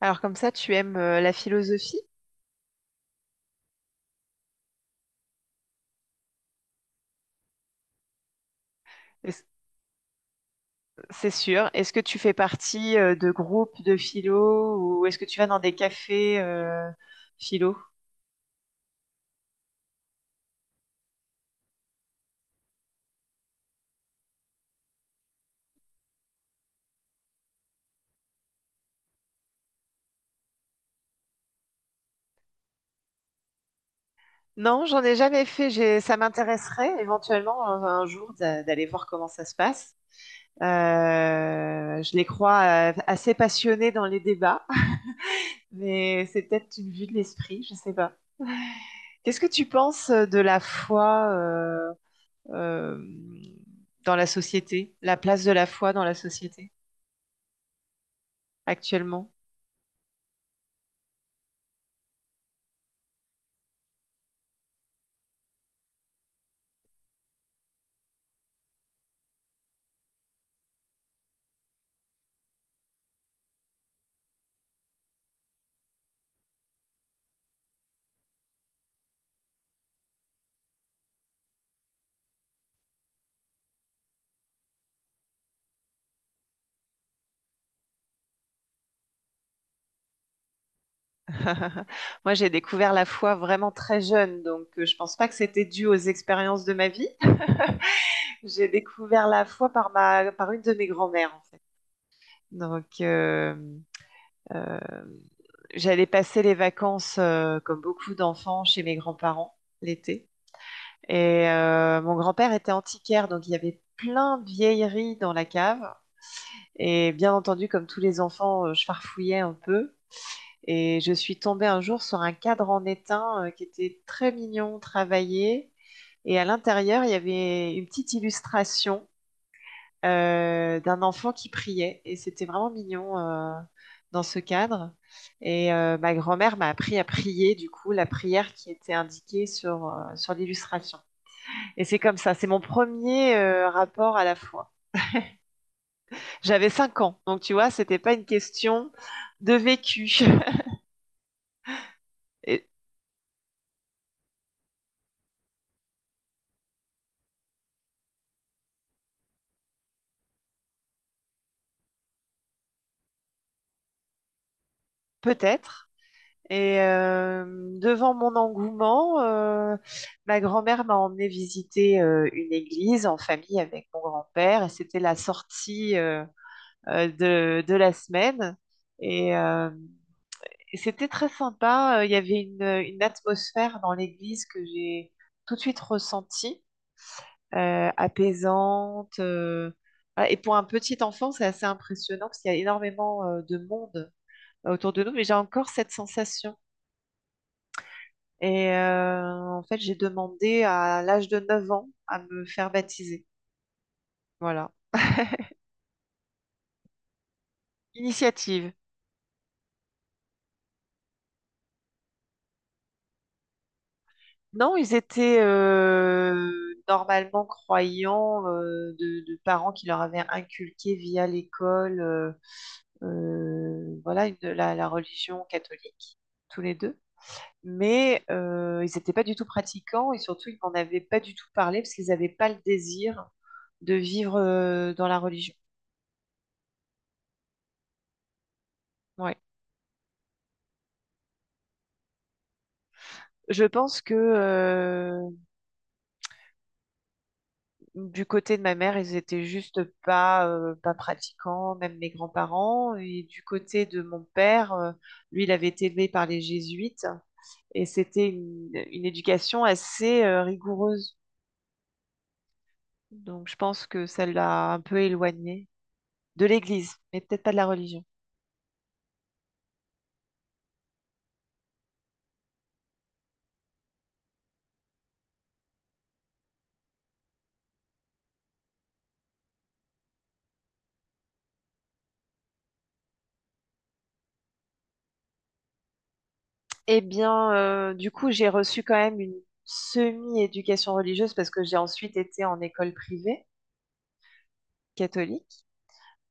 Alors comme ça, tu aimes la philosophie? Est-ce- C'est sûr. Est-ce que tu fais partie de groupes de philo ou est-ce que tu vas dans des cafés philo? Non, j'en ai jamais fait. Ça m'intéresserait éventuellement un jour d'aller voir comment ça se passe. Euh, je les crois assez passionnés dans les débats, mais c'est peut-être une vue de l'esprit, je sais pas. Qu'est-ce que tu penses de la foi euh, dans la société, la place de la foi dans la société? Actuellement. Moi, j'ai découvert la foi vraiment très jeune, donc je pense pas que c'était dû aux expériences de ma vie. J'ai découvert la foi par par une de mes grand-mères, en fait. Donc, euh, j'allais passer les vacances, comme beaucoup d'enfants, chez mes grands-parents l'été. Et mon grand-père était antiquaire, donc il y avait plein de vieilleries dans la cave. Et bien entendu, comme tous les enfants, je farfouillais un peu. Et je suis tombée un jour sur un cadre en étain qui était très mignon, travaillé. Et à l'intérieur, il y avait une petite illustration d'un enfant qui priait. Et c'était vraiment mignon dans ce cadre. Et ma grand-mère m'a appris à prier, du coup, la prière qui était indiquée sur, sur l'illustration. Et c'est comme ça, c'est mon premier rapport à la foi. J'avais cinq ans, donc tu vois, c'était pas une question de vécu. Et peut-être, et devant mon engouement, ma grand-mère m'a emmené visiter une église en famille avec mon grand-père. Et c'était la sortie de la semaine. Et, euh, et c'était très sympa. Il y avait une atmosphère dans l'église que j'ai tout de suite ressentie, apaisante. Voilà. Et pour un petit enfant, c'est assez impressionnant parce qu'il y a énormément de monde autour de nous. Mais j'ai encore cette sensation. Et en fait, j'ai demandé à l'âge de 9 ans à me faire baptiser. Voilà. Initiative. Non, ils étaient normalement croyants de parents qui leur avaient inculqué via l'école voilà, la religion catholique, tous les deux. Mais ils n'étaient pas du tout pratiquants et surtout, ils n'en avaient pas du tout parlé parce qu'ils n'avaient pas le désir de vivre dans la religion. Ouais. Je pense que du côté de ma mère, ils étaient juste pas, pas pratiquants, même mes grands-parents. Et du côté de mon père, lui, il avait été élevé par les jésuites et c'était une éducation assez rigoureuse. Donc, je pense que ça l'a un peu éloigné de l'Église, mais peut-être pas de la religion. Eh bien, du coup, j'ai reçu quand même une semi-éducation religieuse parce que j'ai ensuite été en école privée catholique.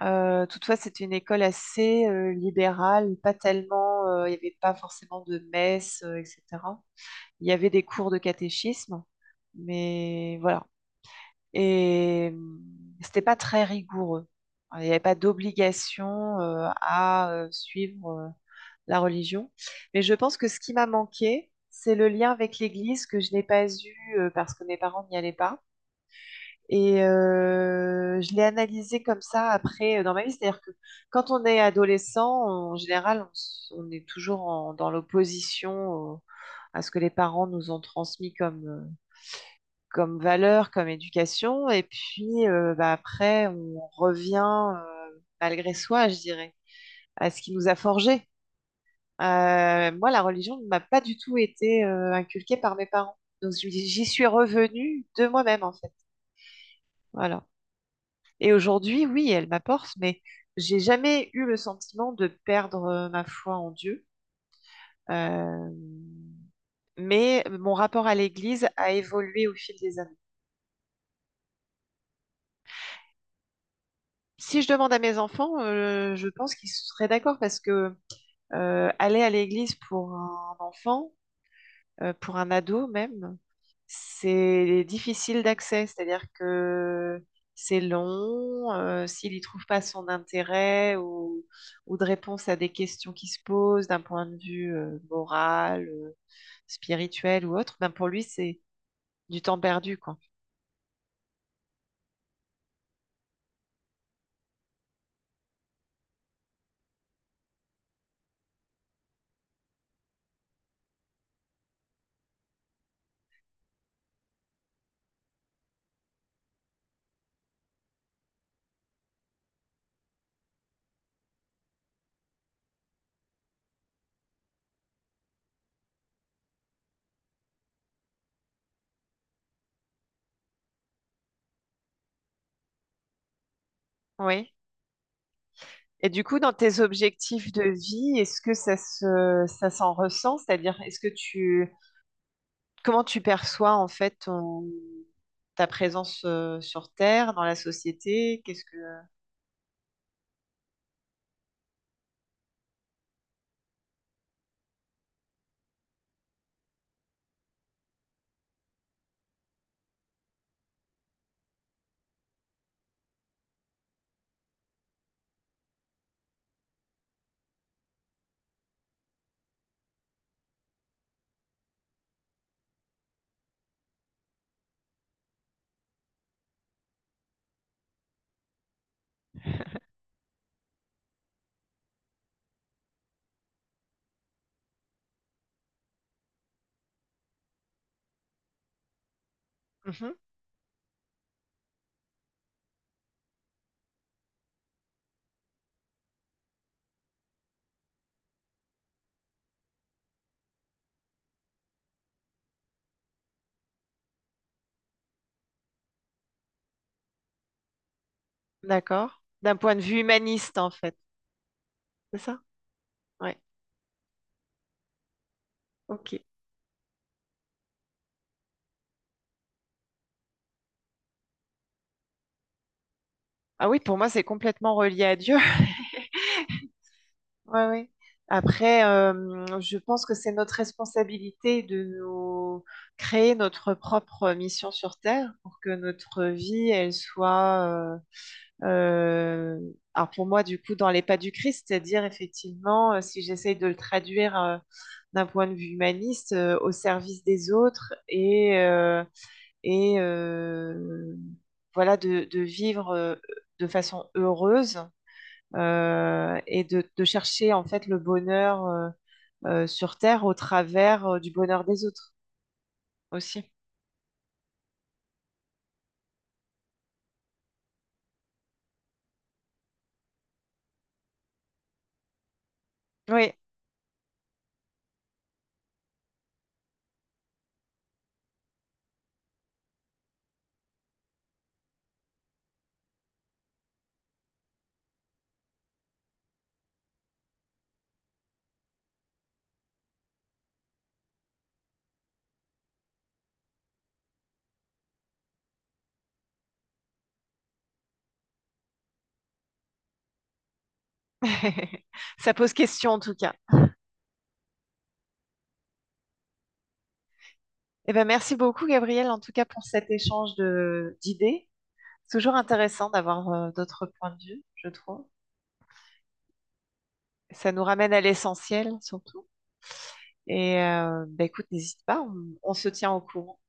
Toutefois, c'était une école assez libérale, pas tellement, il n'y avait pas forcément de messe, etc. Il y avait des cours de catéchisme, mais voilà. Et c'était pas très rigoureux. Enfin, il n'y avait pas d'obligation à suivre la religion. Mais je pense que ce qui m'a manqué, c'est le lien avec l'Église que je n'ai pas eu parce que mes parents n'y allaient pas. Et je l'ai analysé comme ça après dans ma vie. C'est-à-dire que quand on est adolescent, en général, on est toujours dans l'opposition à ce que les parents nous ont transmis comme, comme valeur, comme éducation. Et puis bah, après, on revient euh, malgré soi, je dirais, à ce qui nous a forgé. Moi, la religion ne m'a pas du tout été inculquée par mes parents. Donc j'y suis revenue de moi-même, en fait. Voilà. Et aujourd'hui, oui, elle m'apporte, mais j'ai jamais eu le sentiment de perdre ma foi en Dieu. Euh, mais mon rapport à l'Église a évolué au fil des années. Si je demande à mes enfants, je pense qu'ils seraient d'accord parce que aller à l'Église pour un enfant, pour un ado même, c'est difficile d'accès, c'est-à-dire que c'est long. S'il n'y trouve pas son intérêt ou de réponse à des questions qui se posent d'un point de vue moral, spirituel ou autre, ben pour lui, c'est du temps perdu, quoi. Oui. Et du coup, dans tes objectifs de vie, est-ce que ça se, ça s'en ressent? C'est-à-dire, est-ce que tu, comment tu perçois en fait ta présence sur Terre, dans la société? Qu'est-ce que... D'accord. D'un point de vue humaniste, en fait. C'est ça? Ouais. Ok. Ah oui, pour moi, c'est complètement relié à Dieu. Ouais, ouais. Après, je pense que c'est notre responsabilité de nous créer notre propre mission sur Terre pour que notre vie, elle soit, euh, alors pour moi, du coup, dans les pas du Christ, c'est-à-dire effectivement, si j'essaye de le traduire d'un point de vue humaniste, au service des autres et euh, voilà de vivre de façon heureuse de chercher en fait le bonheur sur Terre au travers du bonheur des autres aussi. Oui, ça pose question en tout cas. Eh ben, merci beaucoup Gabriel en tout cas pour cet échange de d'idées. C'est toujours intéressant d'avoir d'autres points de vue, je trouve. Ça nous ramène à l'essentiel surtout. Et ben, écoute, n'hésite pas, on se tient au courant.